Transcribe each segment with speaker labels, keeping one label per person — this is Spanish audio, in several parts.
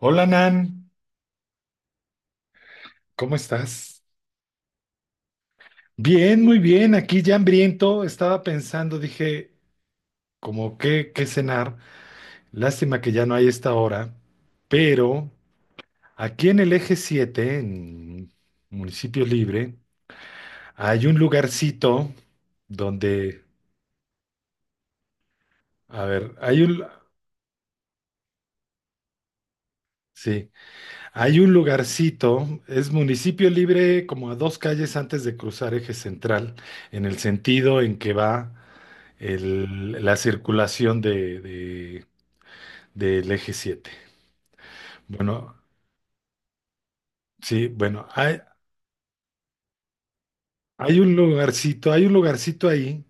Speaker 1: Hola Nan, ¿cómo estás? Bien, muy bien, aquí ya hambriento, estaba pensando, dije, como qué cenar, lástima que ya no hay esta hora, pero aquí en el Eje 7, en Municipio Libre, hay un lugarcito donde, a ver, sí, hay un lugarcito, es Municipio Libre como a dos calles antes de cruzar eje central, en el sentido en que va la circulación del Eje 7. Bueno, sí, bueno, hay un lugarcito ahí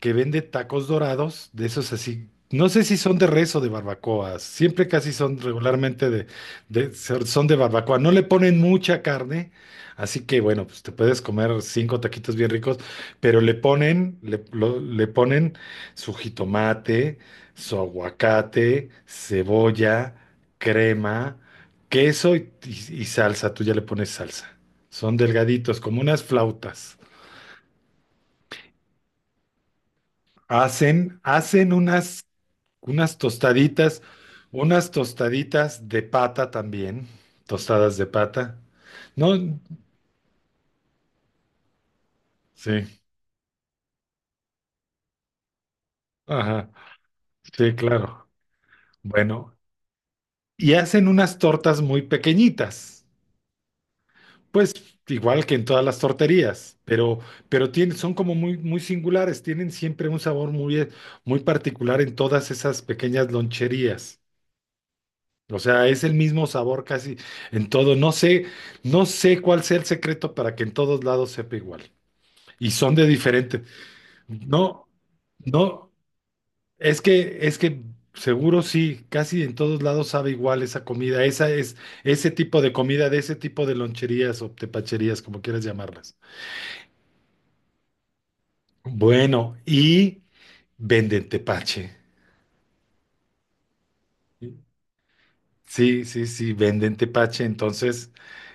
Speaker 1: que vende tacos dorados, de esos así. No sé si son de res o de barbacoas. Siempre casi son regularmente son de barbacoa. No le ponen mucha carne, así que bueno, pues te puedes comer cinco taquitos bien ricos, pero le ponen su jitomate, su aguacate, cebolla, crema, queso y salsa. Tú ya le pones salsa. Son delgaditos, como unas flautas. Hacen unas unas tostaditas, unas tostaditas de pata también, tostadas de pata. No, sí, ajá, sí, claro. Bueno, y hacen unas tortas muy pequeñitas, pues igual que en todas las torterías, pero tienen, son como muy, muy singulares, tienen siempre un sabor muy, muy particular en todas esas pequeñas loncherías. O sea, es el mismo sabor casi en todo. No sé, no sé cuál sea el secreto para que en todos lados sepa igual. Y son de diferente. No, no, es que seguro sí, casi en todos lados sabe igual esa comida, esa es, ese tipo de comida, de ese tipo de loncherías o tepacherías, como quieras llamarlas. Bueno, y venden tepache. Sí, sí, sí, venden tepache, entonces,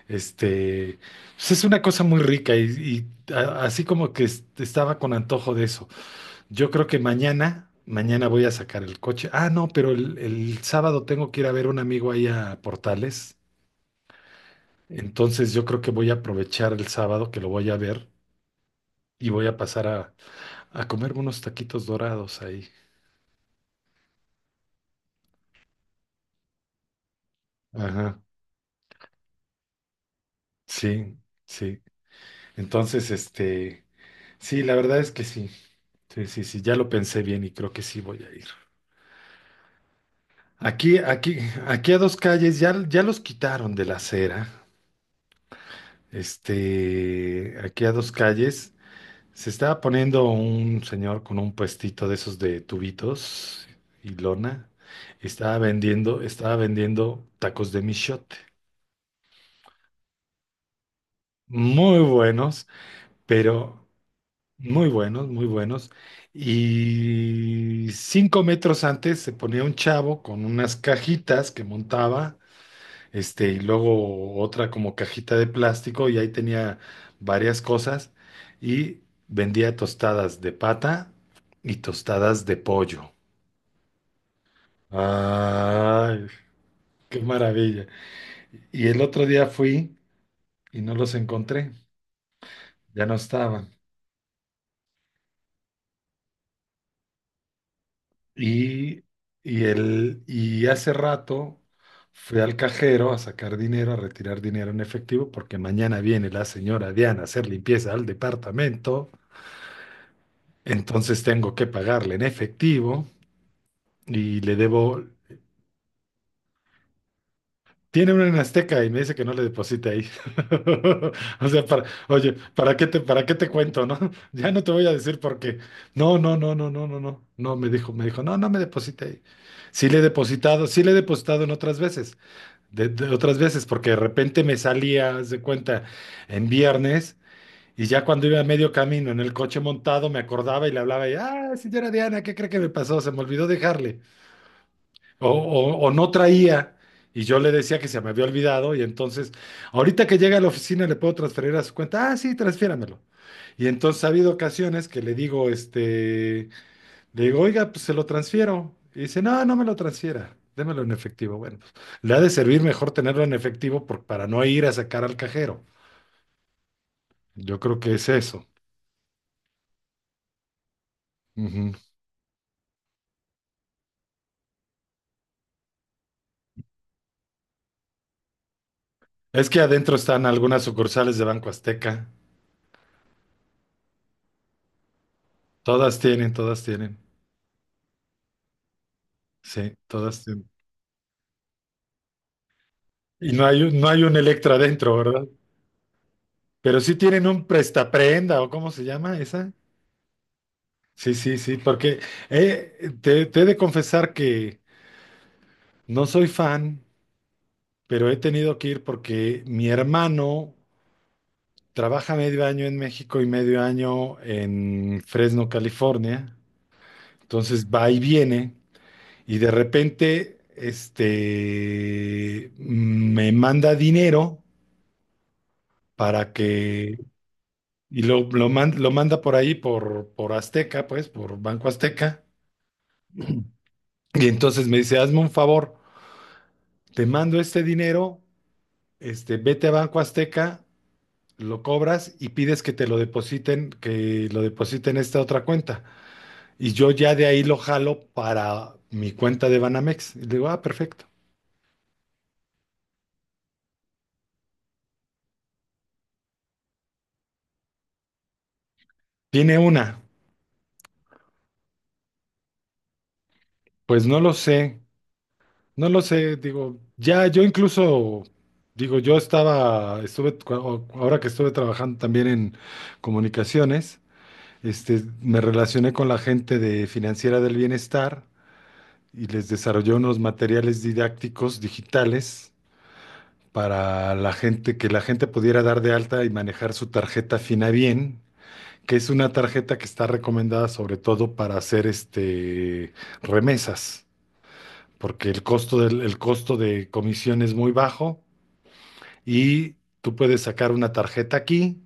Speaker 1: este, pues es una cosa muy rica y así como que estaba con antojo de eso. Yo creo que mañana voy a sacar el coche. Ah, no, pero el sábado tengo que ir a ver a un amigo ahí a Portales. Entonces yo creo que voy a aprovechar el sábado que lo voy a ver y voy a pasar a comerme unos taquitos dorados ahí. Ajá, sí, sí. Entonces, este, sí, la verdad es que sí. Sí, sí, sí, ya lo pensé bien y creo que sí voy a ir. Aquí, aquí, aquí a dos calles, ya, ya los quitaron de la acera. Este, aquí a dos calles. Se estaba poniendo un señor con un puestito de esos de tubitos y lona. Estaba vendiendo tacos de michote. Muy buenos, pero muy buenos, muy buenos. Y 5 metros antes se ponía un chavo con unas cajitas que montaba, este, y luego otra como cajita de plástico, y ahí tenía varias cosas. Y vendía tostadas de pata y tostadas de pollo. Ay, qué maravilla. Y el otro día fui y no los encontré, ya no estaban. Y, y hace rato fui al cajero a sacar dinero, a retirar dinero en efectivo, porque mañana viene la señora Diana a hacer limpieza al departamento. Entonces tengo que pagarle en efectivo y le debo. Tiene una en Azteca y me dice que no le deposite ahí. O sea, para, oye, ¿para qué te cuento, no? Ya no te voy a decir por qué. No, no, no, no, no, no, no. No, me dijo, no, no me deposite ahí. Sí le he depositado en otras veces, de otras veces, porque de repente me salía, haz de cuenta, en viernes y ya cuando iba a medio camino en el coche montado me acordaba y le hablaba y, ah, señora Diana, ¿qué cree que me pasó? Se me olvidó dejarle o no traía y yo le decía que se me había olvidado y entonces ahorita que llega a la oficina le puedo transferir a su cuenta, ah, sí, transfiéramelo. Y entonces ha habido ocasiones que le digo, este, le digo, oiga, pues se lo transfiero. Y dice, no, no me lo transfiera, démelo en efectivo. Bueno, pues le ha de servir mejor tenerlo en efectivo para no ir a sacar al cajero. Yo creo que es eso. Ujú. Es que adentro están algunas sucursales de Banco Azteca. Todas tienen. Sí, todas. No hay un Electra dentro, ¿verdad? Pero sí tienen un prestaprenda, ¿o cómo se llama esa? Sí, sí, sí, porque te he de confesar que no soy fan, pero he tenido que ir porque mi hermano trabaja medio año en México y medio año en Fresno, California. Entonces va y viene y de repente este, me manda dinero para que lo manda por ahí, por Azteca, pues, por Banco Azteca. Y entonces me dice, hazme un favor, te mando este dinero, este, vete a Banco Azteca, lo cobras y pides que te lo depositen, que lo depositen en esta otra cuenta. Y yo ya de ahí lo jalo para mi cuenta de Banamex. Y le digo, ah, perfecto. Tiene una. Pues no lo sé. No lo sé, digo, ya yo incluso, digo, yo estaba, ahora que estuve trabajando también en comunicaciones, este, me relacioné con la gente de Financiera del Bienestar y les desarrollé unos materiales didácticos digitales para la gente, que la gente pudiera dar de alta y manejar su tarjeta Finabien, que es una tarjeta que está recomendada sobre todo para hacer este, remesas porque el costo de comisión es muy bajo y tú puedes sacar una tarjeta aquí,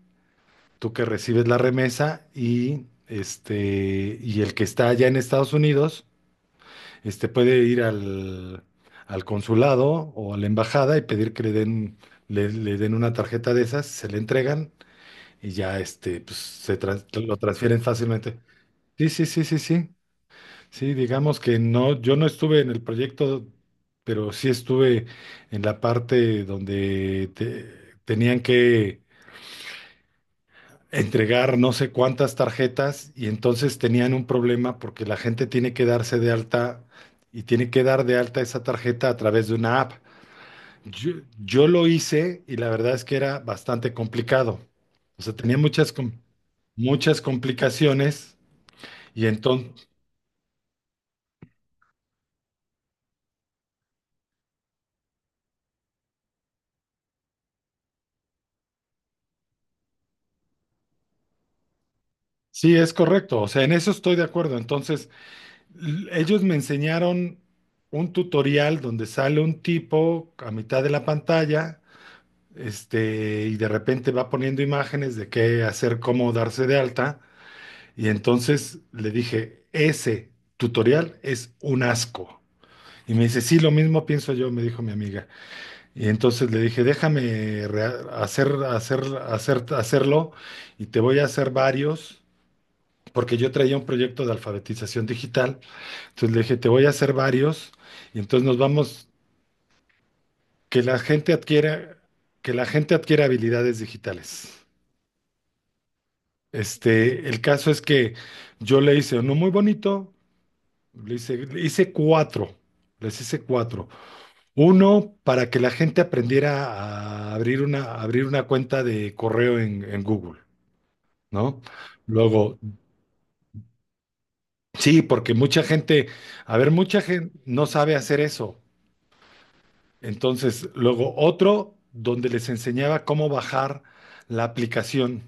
Speaker 1: tú que recibes la remesa y este y el que está allá en Estados Unidos, este puede ir al consulado o a la embajada y pedir que le den le den una tarjeta de esas, se le entregan y ya este pues, lo transfieren fácilmente. Sí, sí, sí, sí, sí. Sí, digamos que no, yo no estuve en el proyecto, pero sí estuve en la parte donde tenían que entregar no sé cuántas tarjetas y entonces tenían un problema porque la gente tiene que darse de alta y tiene que dar de alta esa tarjeta a través de una app. Yo, yo lo hice y la verdad es que era bastante complicado. O sea, tenía muchas complicaciones y entonces, sí, es correcto, o sea, en eso estoy de acuerdo. Entonces, ellos me enseñaron un tutorial donde sale un tipo a mitad de la pantalla, este, y de repente va poniendo imágenes de qué hacer, cómo darse de alta. Y entonces le dije, ese tutorial es un asco. Y me dice, sí, lo mismo pienso yo, me dijo mi amiga. Y entonces le dije, déjame hacerlo y te voy a hacer varios, porque yo traía un proyecto de alfabetización digital entonces le dije, te voy a hacer varios y entonces nos vamos, que la gente adquiera, que la gente adquiera habilidades digitales. Este, el caso es que yo le hice uno muy bonito, le hice, le hice cuatro, les hice cuatro. Uno para que la gente aprendiera a abrir una cuenta de correo en Google, ¿no? Luego, sí, porque mucha gente, a ver, mucha gente no sabe hacer eso. Entonces, luego otro donde les enseñaba cómo bajar la aplicación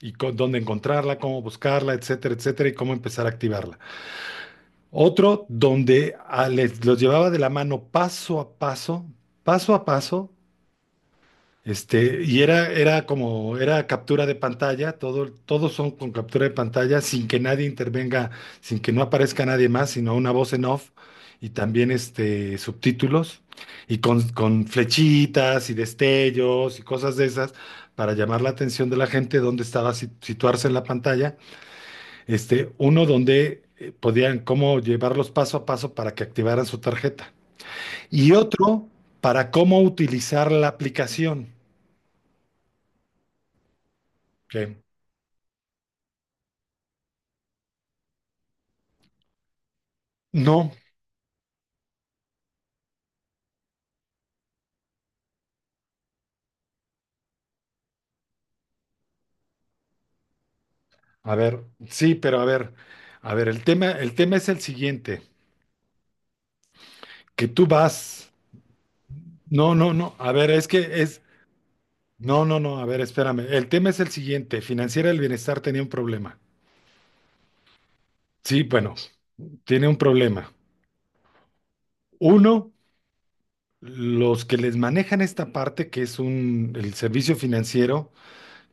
Speaker 1: y dónde encontrarla, cómo buscarla, etcétera, etcétera, y cómo empezar a activarla. Otro donde les, los llevaba de la mano paso a paso, este, y era, era como, era captura de pantalla, todo, todos son con captura de pantalla, sin que nadie intervenga, sin que no aparezca nadie más, sino una voz en off y también este, subtítulos, y con flechitas y destellos y cosas de esas para llamar la atención de la gente dónde estaba situarse en la pantalla. Este, uno donde podían cómo llevarlos paso a paso para que activaran su tarjeta. Y otro para cómo utilizar la aplicación. Ok. No, a ver, sí, pero a ver, el tema es el siguiente, que tú vas, no, no, no, a ver, es que es, no, no, no, a ver, espérame, el tema es el siguiente, Financiera del Bienestar tenía un problema, sí, bueno, tiene un problema. Uno, los que les manejan esta parte, que es un, el servicio financiero,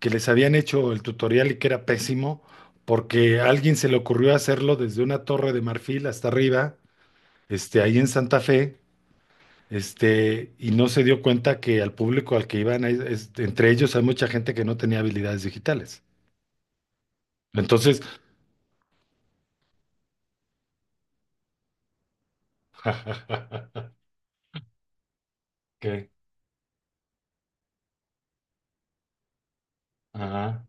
Speaker 1: que les habían hecho el tutorial y que era pésimo, porque a alguien se le ocurrió hacerlo desde una torre de marfil hasta arriba, este, ahí en Santa Fe. Este, y no se dio cuenta que al público al que iban, entre ellos hay mucha gente que no tenía habilidades digitales. Entonces, ¿qué? Ajá.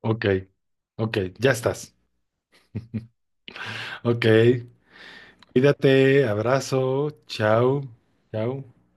Speaker 1: Ok, ok, ya estás. Ok, cuídate, abrazo, chao, chao.